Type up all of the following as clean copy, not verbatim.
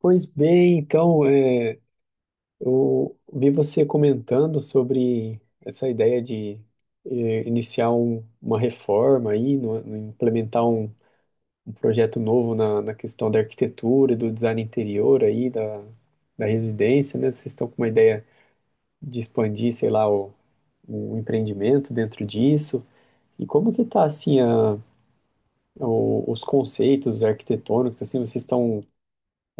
Pois bem, então, eu vi você comentando sobre essa ideia de iniciar uma reforma aí, implementar um projeto novo na questão da arquitetura e do design interior aí, da residência, né? Vocês estão com uma ideia de expandir, sei lá, um empreendimento dentro disso. E como que tá, assim, os conceitos arquitetônicos, assim, vocês estão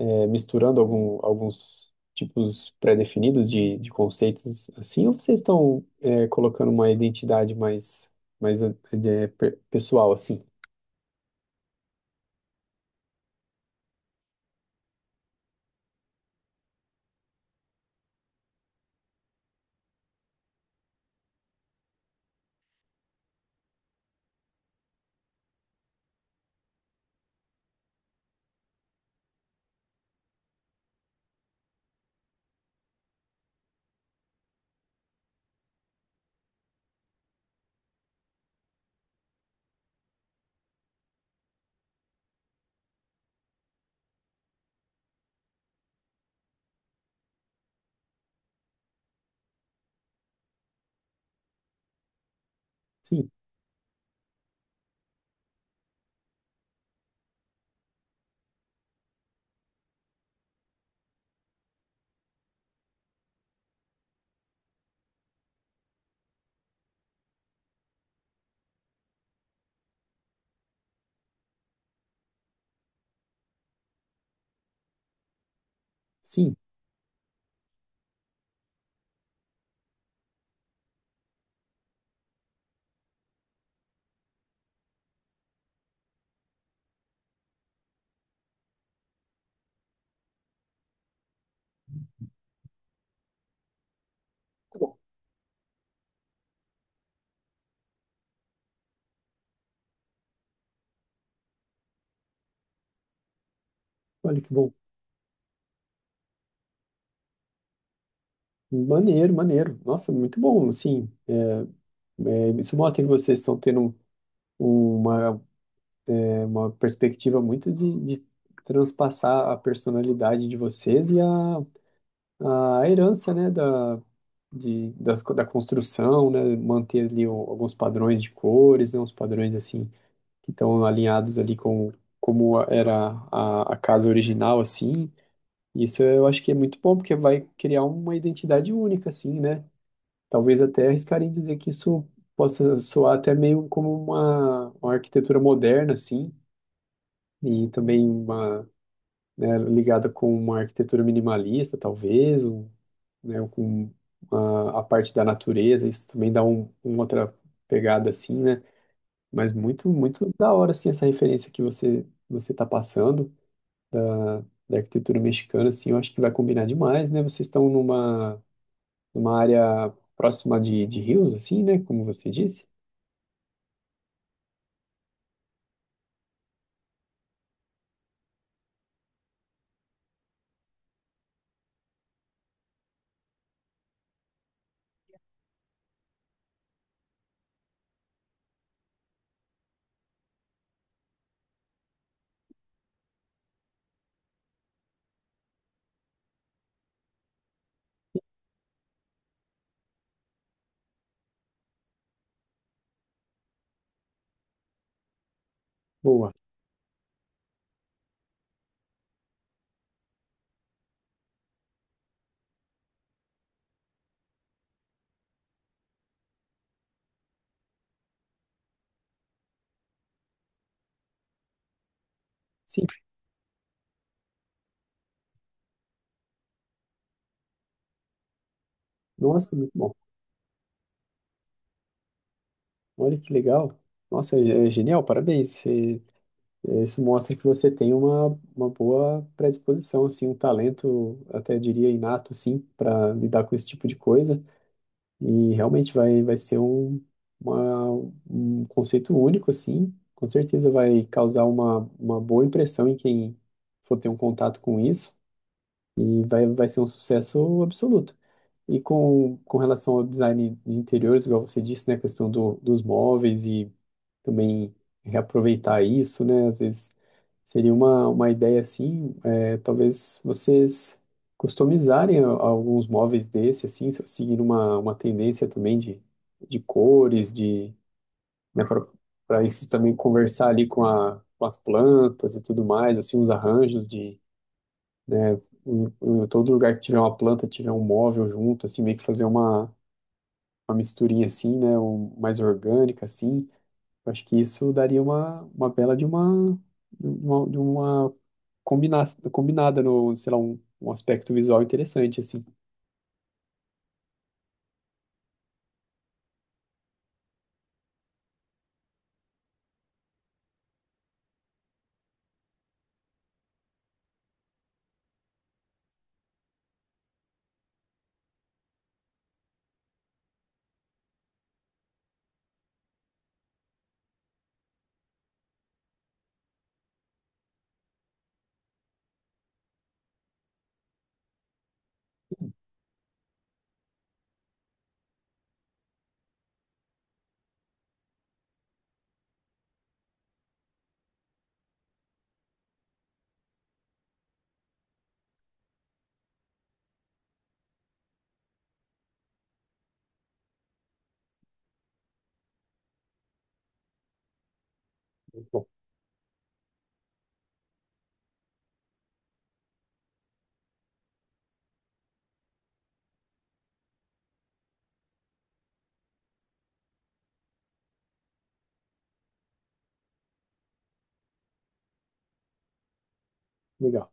misturando alguns tipos pré-definidos de conceitos assim, ou vocês estão colocando uma identidade mais, mais é, pessoal assim? Sim, sim. Tá bom. Olha que bom. Maneiro, maneiro. Nossa, muito bom, assim. Isso mostra que vocês estão tendo uma, uma perspectiva muito de transpassar a personalidade de vocês e a herança, né, da construção, né, manter ali alguns padrões de cores, né, uns padrões, assim, que estão alinhados ali com como era a casa original, assim, isso eu acho que é muito bom, porque vai criar uma identidade única, assim, né, talvez até arriscaria em dizer que isso possa soar até meio como uma arquitetura moderna, assim, e também uma, né, ligada com uma arquitetura minimalista, talvez, né, com a parte da natureza, isso também dá um, uma outra pegada assim, né? Mas muito, muito da hora, assim, essa referência que você está passando da arquitetura mexicana, assim, eu acho que vai combinar demais, né? Vocês estão numa, numa área próxima de rios, assim, né? Como você disse. Boa. Sim. Nossa, muito bom. Olha que legal. Nossa, é genial, parabéns. Você isso mostra que você tem uma boa predisposição, assim, um talento, até diria inato, sim, para lidar com esse tipo de coisa. E realmente vai, vai ser um, uma, um conceito único, assim. Com certeza vai causar uma boa impressão em quem for ter um contato com isso. E vai, vai ser um sucesso absoluto. E com relação ao design de interiores, igual você disse, né, a questão dos móveis e também reaproveitar isso, né, às vezes seria uma ideia assim, é, talvez vocês customizarem alguns móveis desse, assim, seguindo uma tendência também de cores, de, né, para isso também conversar ali com com as plantas e tudo mais, assim, uns arranjos de, né, em todo lugar que tiver uma planta, tiver um móvel junto, assim, meio que fazer uma misturinha assim, né, um, mais orgânica assim, eu acho que isso daria uma bela de uma, de uma combina, combinada no, sei lá, um aspecto visual interessante assim. Bom, legal.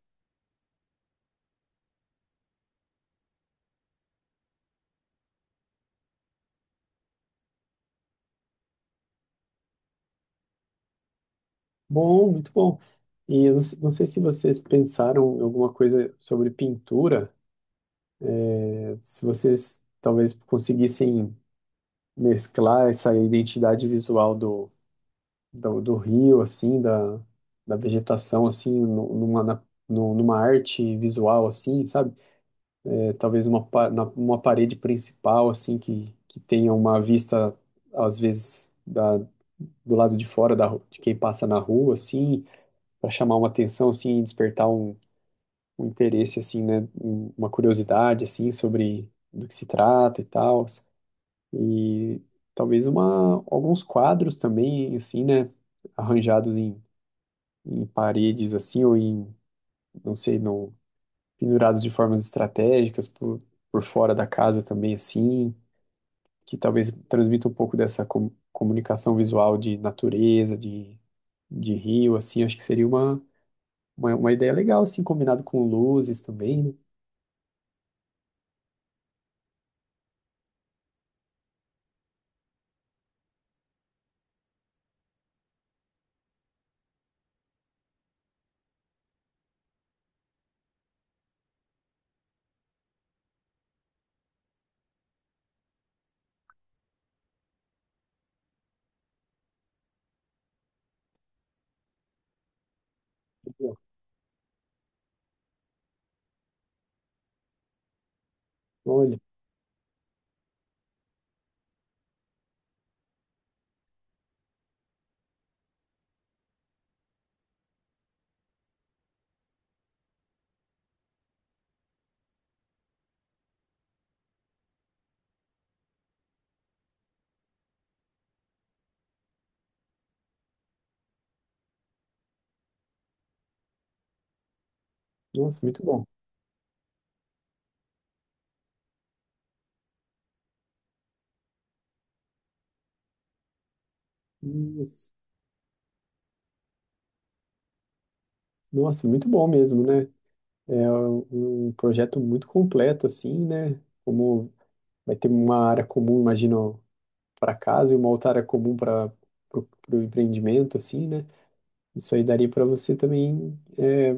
Bom, muito bom. E eu não, não sei se vocês pensaram em alguma coisa sobre pintura, né, se vocês talvez conseguissem mesclar essa identidade visual do do rio, assim, da vegetação, assim, numa arte visual, assim, sabe? É, talvez uma, uma parede principal, assim, que tenha uma vista, às vezes, do lado de fora de quem passa na rua, assim, para chamar uma atenção, assim, e despertar um, um interesse, assim, né? Uma curiosidade, assim, sobre do que se trata e tal. E talvez uma, alguns quadros também, assim, né? Arranjados em paredes assim, ou em, não sei, no, pendurados de formas estratégicas por fora da casa também assim, que talvez transmita um pouco dessa comunicação visual de natureza, de rio, assim, acho que seria uma ideia legal, assim, combinado com luzes também, né? Olha, nossa, muito bom. Isso. Nossa, muito bom mesmo, né? É um projeto muito completo, assim, né? Como vai ter uma área comum, imagino, para casa e uma outra área comum para o empreendimento, assim, né? Isso aí daria para você também é,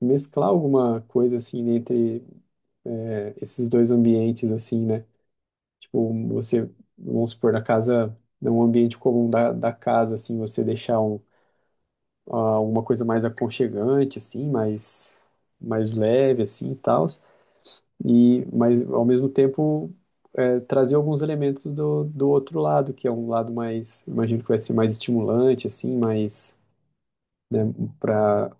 mesclar alguma coisa, assim, entre é, esses dois ambientes, assim, né? Tipo, você, vamos supor, na casa, num ambiente comum da casa, assim, você deixar um, ah, uma coisa mais aconchegante, assim, mais, mais leve, assim, e tal e mas ao mesmo tempo é, trazer alguns elementos do outro lado, que é um lado mais, imagino que vai ser mais estimulante, assim, mais, né, para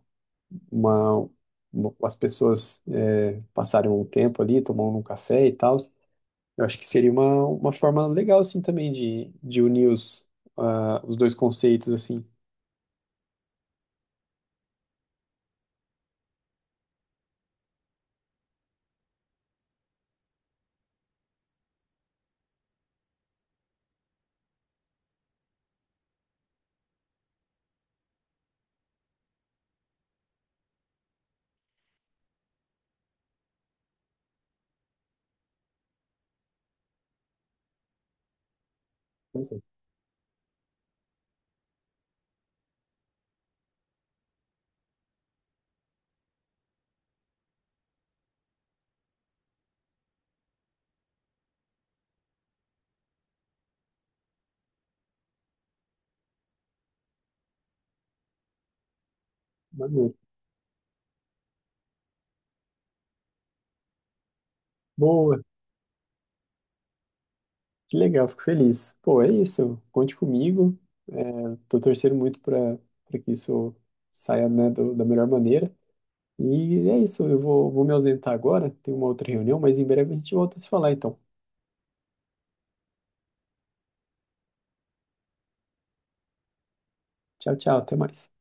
uma, as pessoas é, passarem um tempo ali, tomando um café e tal. Eu acho que seria uma forma legal, assim, também de unir os, ah, os dois conceitos, assim. Nossa, maneiro. Boa, que legal, fico feliz. Pô, é isso, conte comigo. Tô torcendo muito para que isso saia, né, da melhor maneira. E é isso, eu vou, vou me ausentar agora, tem uma outra reunião, mas em breve a gente volta a se falar, então. Tchau, tchau, até mais.